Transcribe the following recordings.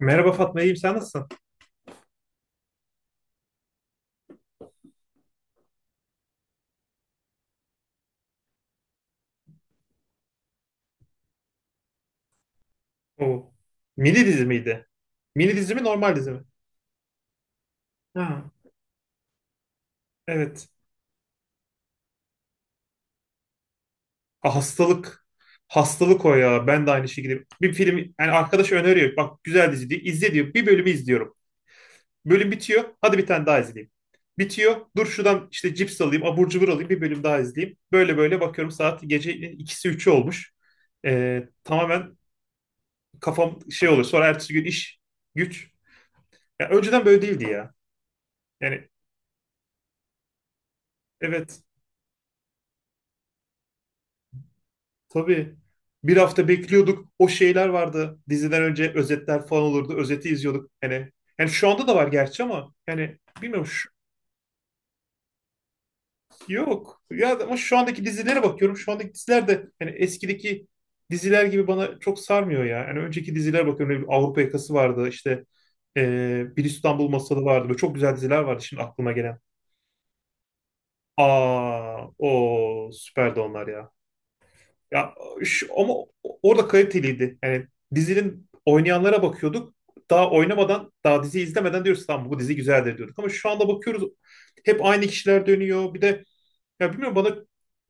Merhaba Fatma, iyiyim. Sen nasılsın? Oo. Mini dizi miydi? Mini dizi mi, normal dizi mi? Ha, evet. Ah, hastalık. Hastalık o ya. Ben de aynı şekilde. Bir film, yani arkadaş öneriyor. Bak güzel dizi diyor. İzle diyor. Bir bölümü izliyorum. Bölüm bitiyor. Hadi bir tane daha izleyeyim. Bitiyor. Dur şuradan işte cips alayım, abur cubur alayım. Bir bölüm daha izleyeyim. Böyle böyle bakıyorum saat gece ikisi üçü olmuş. Tamamen kafam şey oluyor. Sonra ertesi gün iş, güç. Ya önceden böyle değildi ya. Yani evet. Tabii. Bir hafta bekliyorduk. O şeyler vardı. Diziden önce özetler falan olurdu. Özeti izliyorduk. Hani yani şu anda da var gerçi ama yani bilmiyorum yok. Ya ama şu andaki dizilere bakıyorum. Şu andaki diziler de hani eskideki diziler gibi bana çok sarmıyor ya. Yani önceki dizilere bakıyorum. Ne bileyim, Avrupa Yakası vardı. İşte Bir İstanbul Masalı vardı. Böyle çok güzel diziler vardı şimdi aklıma gelen. Aa, o süperdi onlar ya. Ya ama orada kaliteliydi. Yani dizinin oynayanlara bakıyorduk. Daha oynamadan, daha dizi izlemeden diyoruz tamam bu dizi güzeldir diyorduk. Ama şu anda bakıyoruz hep aynı kişiler dönüyor. Bir de ya bilmiyorum bana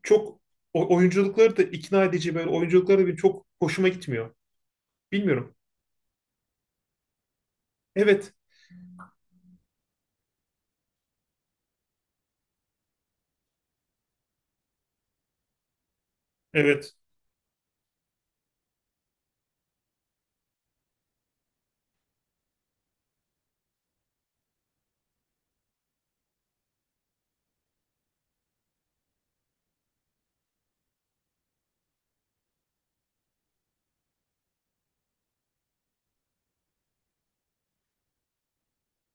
çok oyunculukları da ikna edici böyle oyunculukları da benim çok hoşuma gitmiyor. Bilmiyorum. Evet. Evet.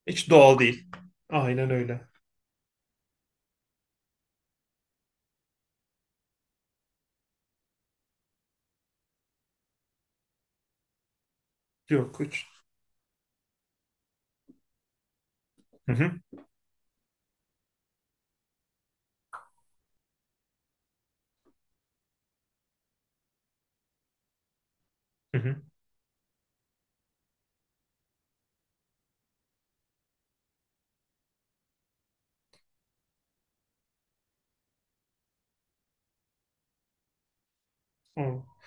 Hiç doğal değil. Aynen öyle. Yok hiç. Hı hı. Hı hı. Aa.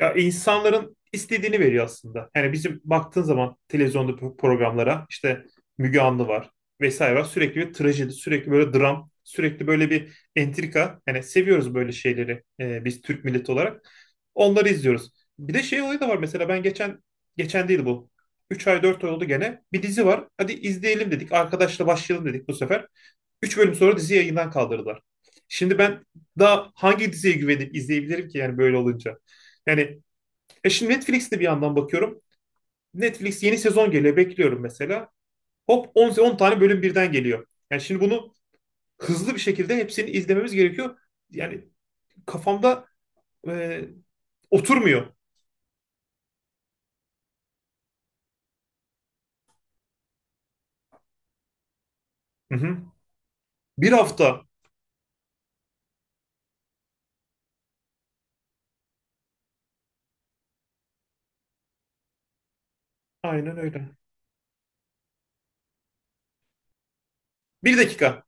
Ya insanların istediğini veriyor aslında. Yani bizim baktığın zaman televizyonda programlara işte Müge Anlı var vesaire var. Sürekli bir trajedi, sürekli böyle dram, sürekli böyle bir entrika. Yani seviyoruz böyle şeyleri biz Türk milleti olarak. Onları izliyoruz. Bir de şey olayı da var mesela ben geçen geçen değil bu. 3 ay 4 ay oldu gene. Bir dizi var. Hadi izleyelim dedik. Arkadaşla başlayalım dedik bu sefer. Üç bölüm sonra dizi yayından kaldırdılar. Şimdi ben daha hangi diziye güvenip izleyebilirim ki yani böyle olunca? Yani şimdi Netflix'te bir yandan bakıyorum. Netflix yeni sezon geliyor. Bekliyorum mesela. Hop 10, 10 tane bölüm birden geliyor. Yani şimdi bunu hızlı bir şekilde hepsini izlememiz gerekiyor. Yani kafamda e, oturmuyor. Hı hı. Bir hafta. Aynen öyle. Bir dakika.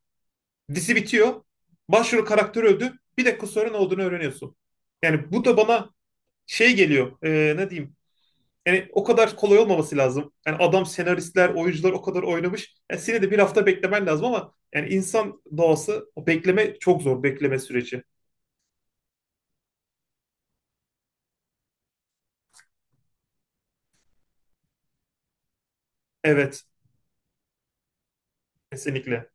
Dizi bitiyor. Başrol karakteri öldü. Bir dakika sonra ne olduğunu öğreniyorsun. Yani bu da bana şey geliyor. Ne diyeyim? Yani o kadar kolay olmaması lazım. Yani adam senaristler, oyuncular o kadar oynamış. Yani seni de bir hafta beklemen lazım ama yani insan doğası o bekleme çok zor bekleme süreci. Evet, kesinlikle.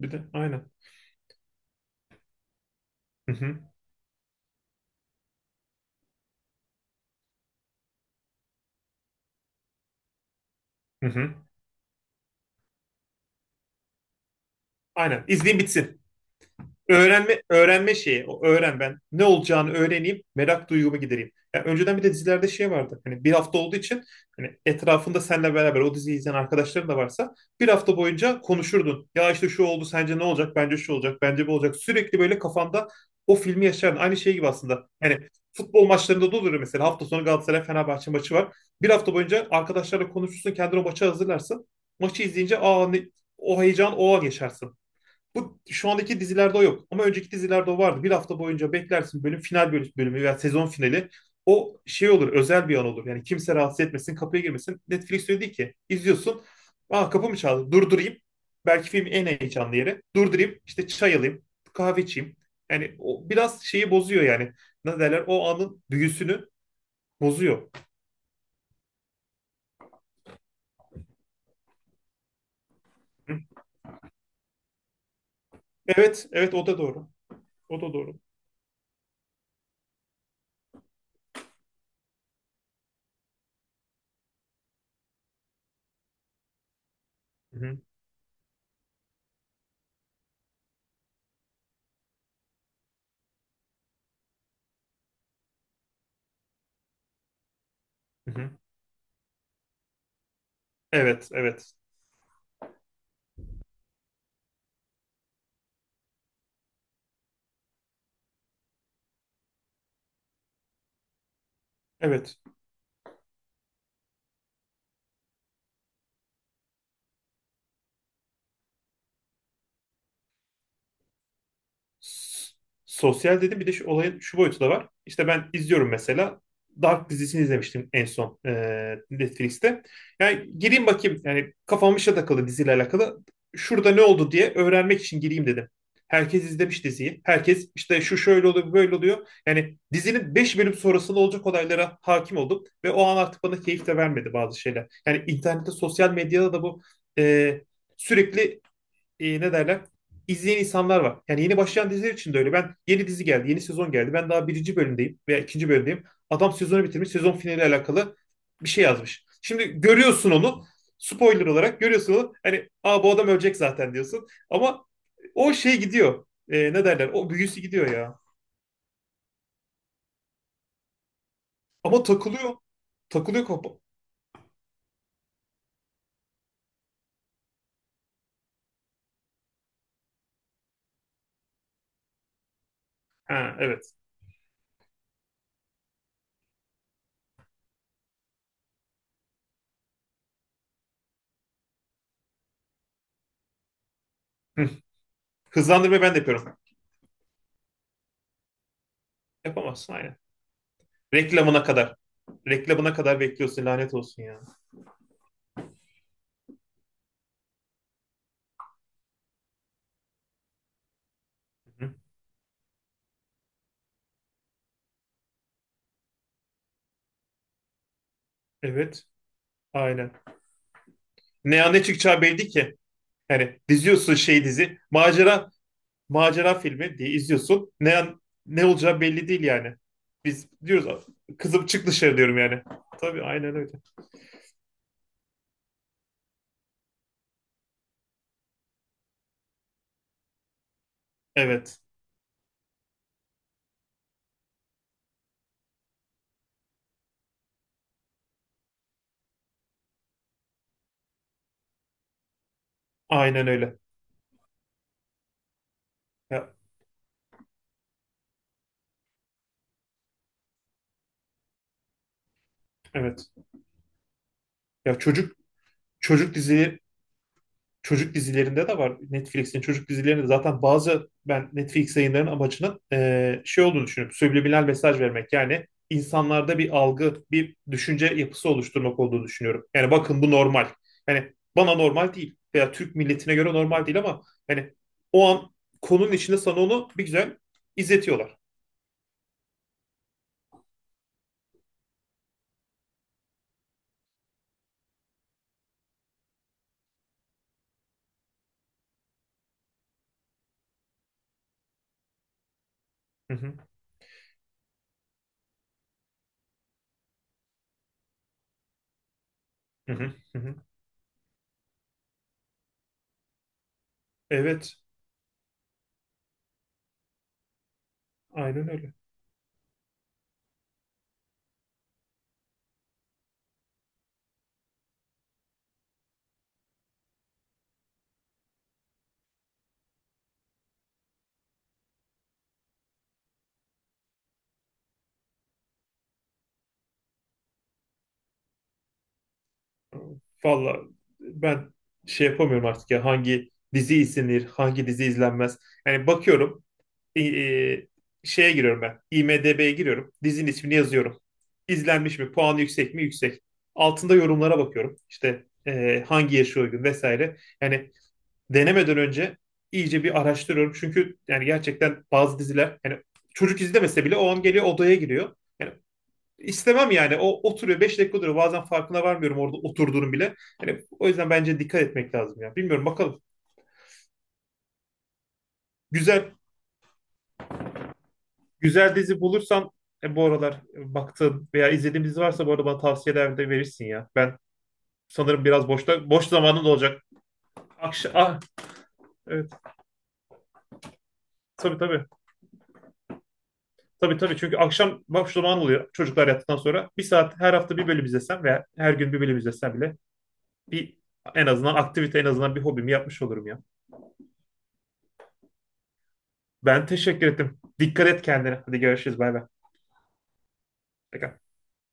Bir de aynen. Hı hı, hı hı. Aynen. İzleyin bitsin. Öğrenme şeyi. O öğren ben. Ne olacağını öğreneyim. Merak duygumu gidereyim. Yani önceden bir de dizilerde şey vardı. Hani bir hafta olduğu için hani etrafında seninle beraber o diziyi izleyen arkadaşların da varsa bir hafta boyunca konuşurdun. Ya işte şu oldu sence ne olacak? Bence şu olacak. Bence bu olacak. Sürekli böyle kafanda o filmi yaşardın. Aynı şey gibi aslında. Yani futbol maçlarında da olur mesela hafta sonu Galatasaray Fenerbahçe maçı var. Bir hafta boyunca arkadaşlarla konuşursun, kendini o maça hazırlarsın. Maçı izleyince aa ne, o heyecan o geçersin. Bu şu andaki dizilerde o yok. Ama önceki dizilerde o vardı. Bir hafta boyunca beklersin bölüm final bölüm, bölümü veya sezon finali. O şey olur, özel bir an olur. Yani kimse rahatsız etmesin, kapıya girmesin. Netflix öyle değil ki. İzliyorsun. Aa kapı mı çaldı? Durdurayım. Belki filmin en heyecanlı yeri. Durdurayım. İşte çay alayım. Kahve içeyim. Yani o biraz şeyi bozuyor yani. Ne derler? O anın büyüsünü bozuyor. Hı. Evet, evet o da doğru. O da doğru. Hı hı. Hı hı. Evet, evet. Evet. S- Sosyal dedim bir de şu olayın şu boyutu da var. İşte ben izliyorum mesela. Dark dizisini izlemiştim en son Netflix'te. Yani gireyim bakayım yani kafam işe takılı diziyle alakalı. Şurada ne oldu diye öğrenmek için gireyim dedim. Herkes izlemiş diziyi. Herkes işte şu şöyle oluyor böyle oluyor. Yani dizinin 5 bölüm sonrasında olacak olaylara hakim oldum. Ve o an artık bana keyif de vermedi bazı şeyler. Yani internette sosyal medyada da bu e, sürekli ne derler izleyen insanlar var. Yani yeni başlayan diziler için de öyle. Ben yeni dizi geldi, yeni sezon geldi. Ben daha birinci bölümdeyim veya ikinci bölümdeyim. Adam sezonu bitirmiş, sezon finaliyle alakalı bir şey yazmış. Şimdi görüyorsun onu. Spoiler olarak görüyorsun onu. Hani aa bu adam ölecek zaten diyorsun. Ama o şey gidiyor. E, ne derler? O büyüsü gidiyor ya. Ama takılıyor. Takılıyor kafa. Ha evet. Hı. Hızlandırmayı ben de yapıyorum. Yapamazsın aynen. Reklamına kadar. Reklamına kadar bekliyorsun lanet olsun ya. Hı. Evet, aynen. Ne an ne çıkacağı belli ki. Yani diziyorsun şey dizi, macera filmi diye izliyorsun. Ne olacağı belli değil yani. Biz diyoruz kızım çık dışarı diyorum yani. Tabii aynen öyle. Evet, aynen öyle. Ya, evet. Ya çocuk dizileri çocuk dizilerinde de var. Netflix'in çocuk dizilerinde zaten bazı ben Netflix yayınlarının amacının şey olduğunu düşünüyorum. Subliminal mesaj vermek yani insanlarda bir algı, bir düşünce yapısı oluşturmak olduğunu düşünüyorum. Yani bakın bu normal. Yani bana normal değil veya Türk milletine göre normal değil ama yani o an konunun içinde sana onu bir güzel izletiyorlar. Hı hı, hı hı, hı hı. Evet, aynen öyle. Valla ben şey yapamıyorum artık ya hangi dizi izlenir, hangi dizi izlenmez. Yani bakıyorum e, şeye giriyorum ben. IMDb'ye giriyorum. Dizinin ismini yazıyorum. İzlenmiş mi? Puanı yüksek mi? Yüksek. Altında yorumlara bakıyorum. İşte hangi yaşı uygun vesaire. Yani denemeden önce iyice bir araştırıyorum. Çünkü yani gerçekten bazı diziler yani çocuk izlemese bile o an geliyor odaya giriyor. Yani istemem yani. O oturuyor 5 dakika duruyor. Bazen farkına varmıyorum orada oturduğunu bile. Yani o yüzden bence dikkat etmek lazım ya. Bilmiyorum bakalım. Güzel Güzel dizi bulursan bu aralar baktığın veya izlediğin dizi varsa bu arada bana tavsiyeler de verirsin ya. Ben sanırım biraz boşta boş zamanın da olacak. Akşam ah evet tabii tabii. Tabii tabii çünkü akşam boş zaman oluyor çocuklar yattıktan sonra. Bir saat her hafta bir bölüm izlesem veya her gün bir bölüm izlesem bile bir en azından aktivite en azından bir hobimi yapmış olurum ya. Ben teşekkür ettim. Dikkat et kendine. Hadi görüşürüz bay bay.